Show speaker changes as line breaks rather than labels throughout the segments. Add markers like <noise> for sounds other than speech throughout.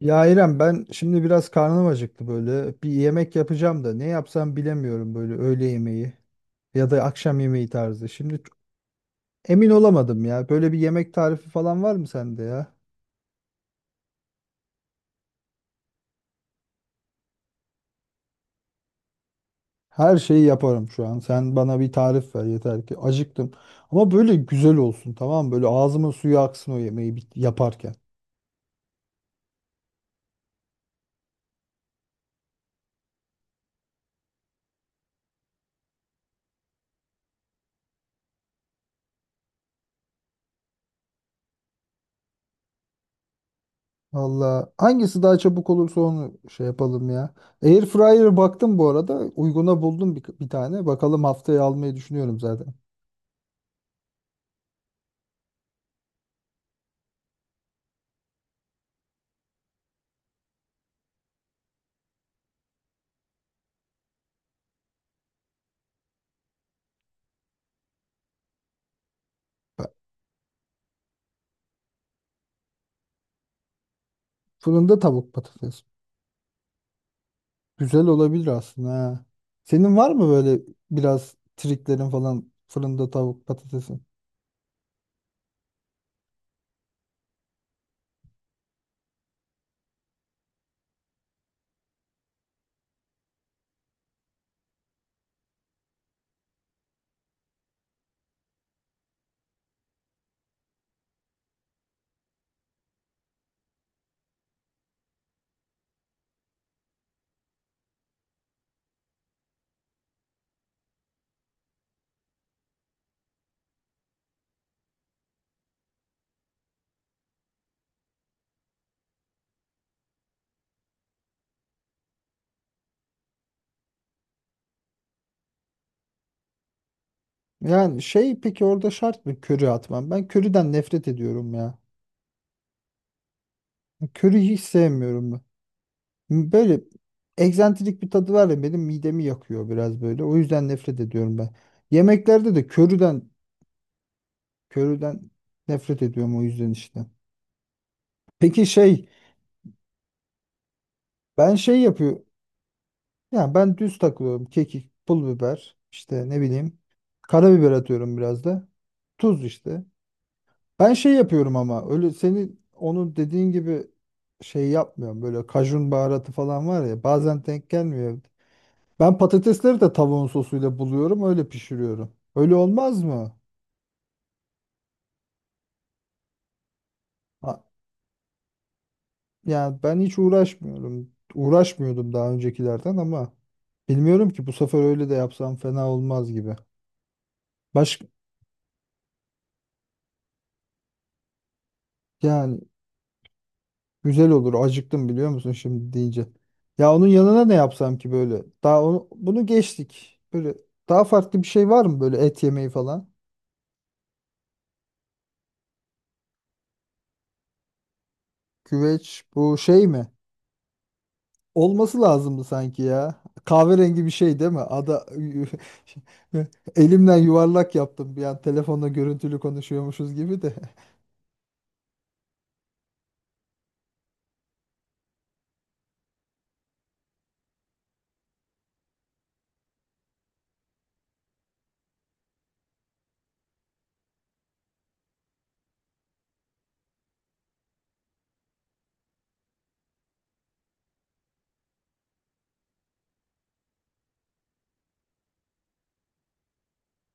Ya İrem ben şimdi biraz karnım acıktı böyle. Bir yemek yapacağım da ne yapsam bilemiyorum böyle öğle yemeği ya da akşam yemeği tarzı. Şimdi emin olamadım ya. Böyle bir yemek tarifi falan var mı sende ya? Her şeyi yaparım şu an. Sen bana bir tarif ver yeter ki acıktım. Ama böyle güzel olsun tamam mı? Böyle ağzımın suyu aksın o yemeği yaparken. Valla hangisi daha çabuk olursa onu şey yapalım ya. Air fryer baktım bu arada. Uyguna buldum bir tane. Bakalım haftaya almayı düşünüyorum zaten. Fırında tavuk patates. Güzel olabilir aslında ha. Senin var mı böyle biraz triklerin falan fırında tavuk patatesin? Yani şey peki orada şart mı köri atmam? Ben köriden nefret ediyorum ya. Köriyi hiç sevmiyorum ben. Böyle egzantrik bir tadı var ya benim midemi yakıyor biraz böyle. O yüzden nefret ediyorum ben. Yemeklerde de köriden nefret ediyorum o yüzden işte. Peki şey ben şey yapıyor. Yani ben düz takılıyorum. Kekik, pul biber, işte ne bileyim. Karabiber atıyorum biraz da. Tuz işte. Ben şey yapıyorum ama öyle senin onu dediğin gibi şey yapmıyorum. Böyle kajun baharatı falan var ya bazen denk gelmiyor. Ben patatesleri de tavuğun sosuyla buluyorum öyle pişiriyorum. Öyle olmaz mı? Ha, yani ben hiç uğraşmıyorum. Uğraşmıyordum daha öncekilerden ama bilmiyorum ki bu sefer öyle de yapsam fena olmaz gibi. Baş yani. Güzel olur. Acıktım biliyor musun şimdi deyince. Ya onun yanına ne yapsam ki böyle? Daha onu, bunu geçtik. Böyle daha farklı bir şey var mı böyle et yemeği falan? Güveç bu şey mi? Olması lazımdı sanki ya. Kahverengi bir şey değil mi? Ada <laughs> elimden yuvarlak yaptım bir an telefonla görüntülü konuşuyormuşuz gibi de.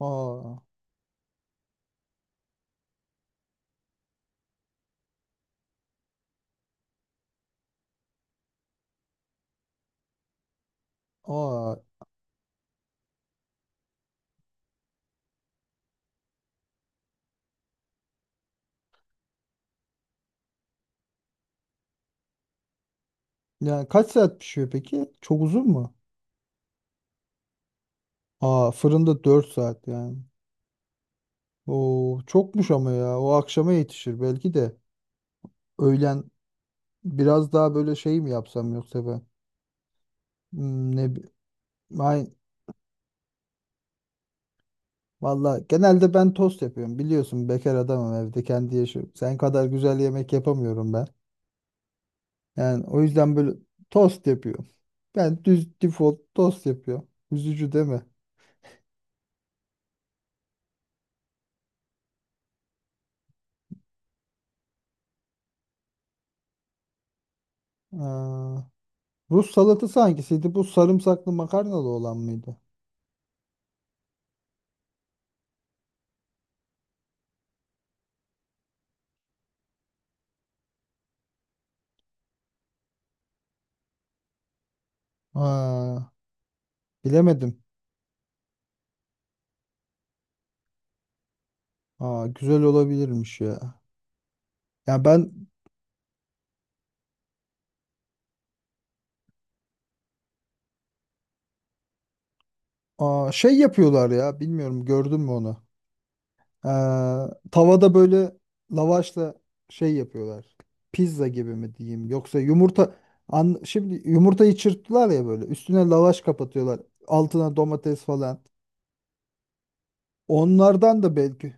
<laughs> Aa, aa. Yani kaç saat pişiyor peki? Çok uzun mu? Aa, fırında 4 saat yani. Oo, çokmuş ama ya. O akşama yetişir belki de. Öğlen biraz daha böyle şey mi yapsam yoksa ben? Hmm, Ay, valla genelde ben tost yapıyorum. Biliyorsun bekar adamım evde kendi yaşıyorum. Sen kadar güzel yemek yapamıyorum ben. Yani o yüzden böyle tost yapıyorum. Ben düz default tost yapıyorum. Üzücü değil mi? Aa, Rus salatası hangisiydi? Bu sarımsaklı makarnalı olan mıydı? Aa, bilemedim. Aa, güzel olabilirmiş ya. Ya ben aa, şey yapıyorlar ya bilmiyorum gördün mü onu? Ee, tavada böyle lavaşla şey yapıyorlar. Pizza gibi mi diyeyim yoksa yumurta an, şimdi yumurtayı çırptılar ya böyle üstüne lavaş kapatıyorlar. Altına domates falan. Onlardan da belki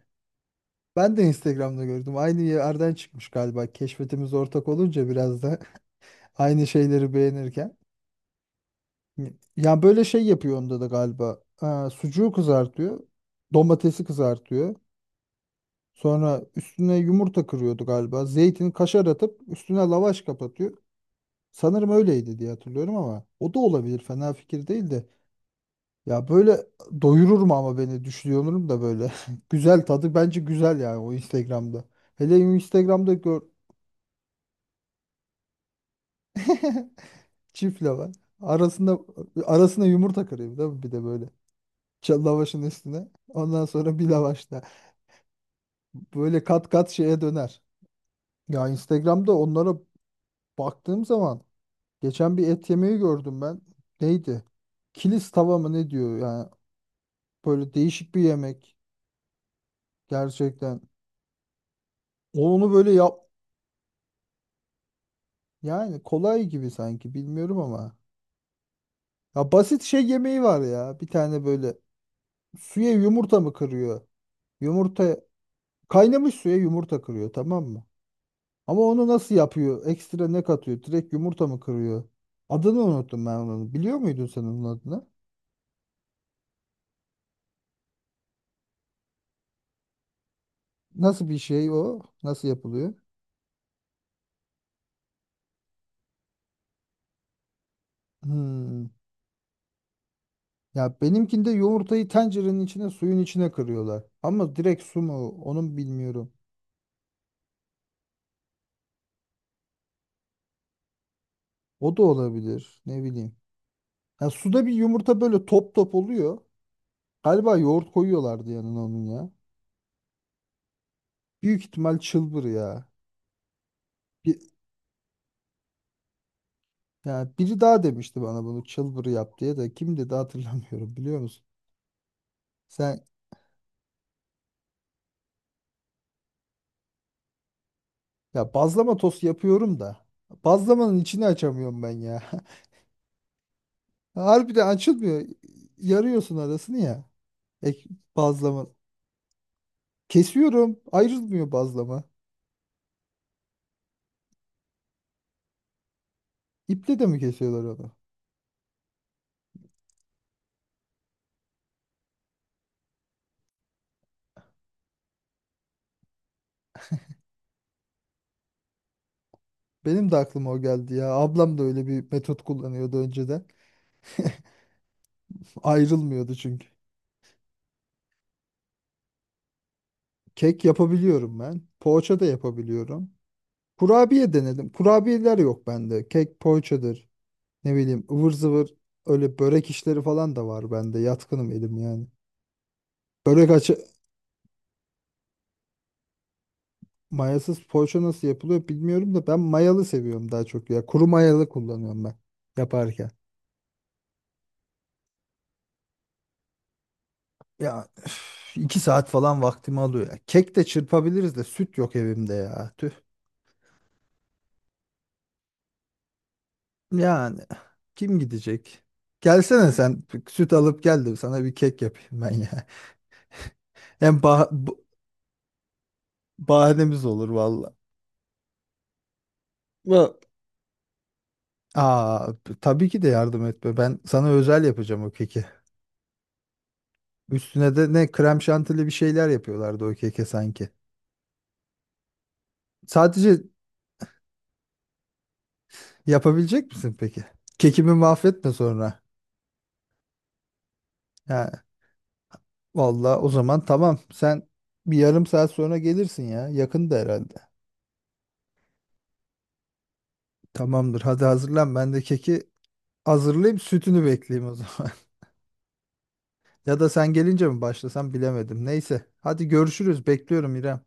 ben de Instagram'da gördüm. Aynı yerden çıkmış galiba. Keşfetimiz ortak olunca biraz da <laughs> aynı şeyleri beğenirken. Ya böyle şey yapıyor onda da galiba. Sucuğu kızartıyor. Domatesi kızartıyor. Sonra üstüne yumurta kırıyordu galiba. Zeytin kaşar atıp üstüne lavaş kapatıyor. Sanırım öyleydi diye hatırlıyorum ama o da olabilir. Fena fikir değil de. Ya böyle doyurur mu ama beni düşünüyorum da böyle. <laughs> Güzel tadı bence güzel yani o Instagram'da. Hele Instagram'da gör. <laughs> çift lavaş. Arasında arasına yumurta kırıyor değil mi? Bir de böyle. Lavaşın üstüne. Ondan sonra bir lavaş daha. Böyle kat kat şeye döner. Ya Instagram'da onlara baktığım zaman. Geçen bir et yemeği gördüm ben. Neydi? Kilis tava mı ne diyor yani. Böyle değişik bir yemek. Gerçekten. Onu böyle yap. Yani kolay gibi sanki bilmiyorum ama. Ya basit şey yemeği var ya. Bir tane böyle suya yumurta mı kırıyor? Yumurta kaynamış suya yumurta kırıyor tamam mı? Ama onu nasıl yapıyor? Ekstra ne katıyor? Direkt yumurta mı kırıyor? Adını unuttum ben onun. Biliyor muydun sen onun adını? Nasıl bir şey o? Nasıl yapılıyor? Hmm. Ya benimkinde yumurtayı tencerenin içine suyun içine kırıyorlar. Ama direkt su mu onun bilmiyorum. O da olabilir ne bileyim. Ya suda bir yumurta böyle top top oluyor. Galiba yoğurt koyuyorlardı yanına onun ya. Büyük ihtimal çılbır ya. Bir, ya biri daha demişti bana bunu çılbır yap diye de kim dedi hatırlamıyorum biliyor musun? Sen ya bazlama tost yapıyorum da bazlamanın içini açamıyorum ben ya. <laughs> Harbiden açılmıyor. Yarıyorsun arasını ya. Ek, bazlama. Kesiyorum. Ayrılmıyor bazlama. İple de mi kesiyorlar onu? Benim de aklıma o geldi ya. Ablam da öyle bir metot kullanıyordu önceden. Ayrılmıyordu çünkü. Kek yapabiliyorum ben. Poğaça da yapabiliyorum. Kurabiye denedim. Kurabiyeler yok bende. Kek, poğaçadır. Ne bileyim ıvır zıvır öyle börek işleri falan da var bende. Yatkınım elim yani. Börek açı mayasız poğaça nasıl yapılıyor bilmiyorum da ben mayalı seviyorum daha çok ya. Kuru mayalı kullanıyorum ben yaparken. Ya üf, 2 saat falan vaktimi alıyor ya. Kek de çırpabiliriz de süt yok evimde ya. Tüh. Yani kim gidecek? Gelsene sen süt alıp gel de sana bir kek yapayım ben ya. Hem bahanemiz olur valla. Va- Aa, tabii ki de yardım etme. Ben sana özel yapacağım o keki. Üstüne de ne krem şantili bir şeyler yapıyorlardı o keke sanki. Sadece yapabilecek misin peki? Kekimi mahvetme sonra. Vallahi o zaman tamam. Sen bir yarım saat sonra gelirsin ya. Yakında herhalde. Tamamdır. Hadi hazırlan. Ben de keki hazırlayayım. Sütünü bekleyeyim o zaman. <laughs> Ya da sen gelince mi başlasam bilemedim. Neyse. Hadi görüşürüz. Bekliyorum İrem.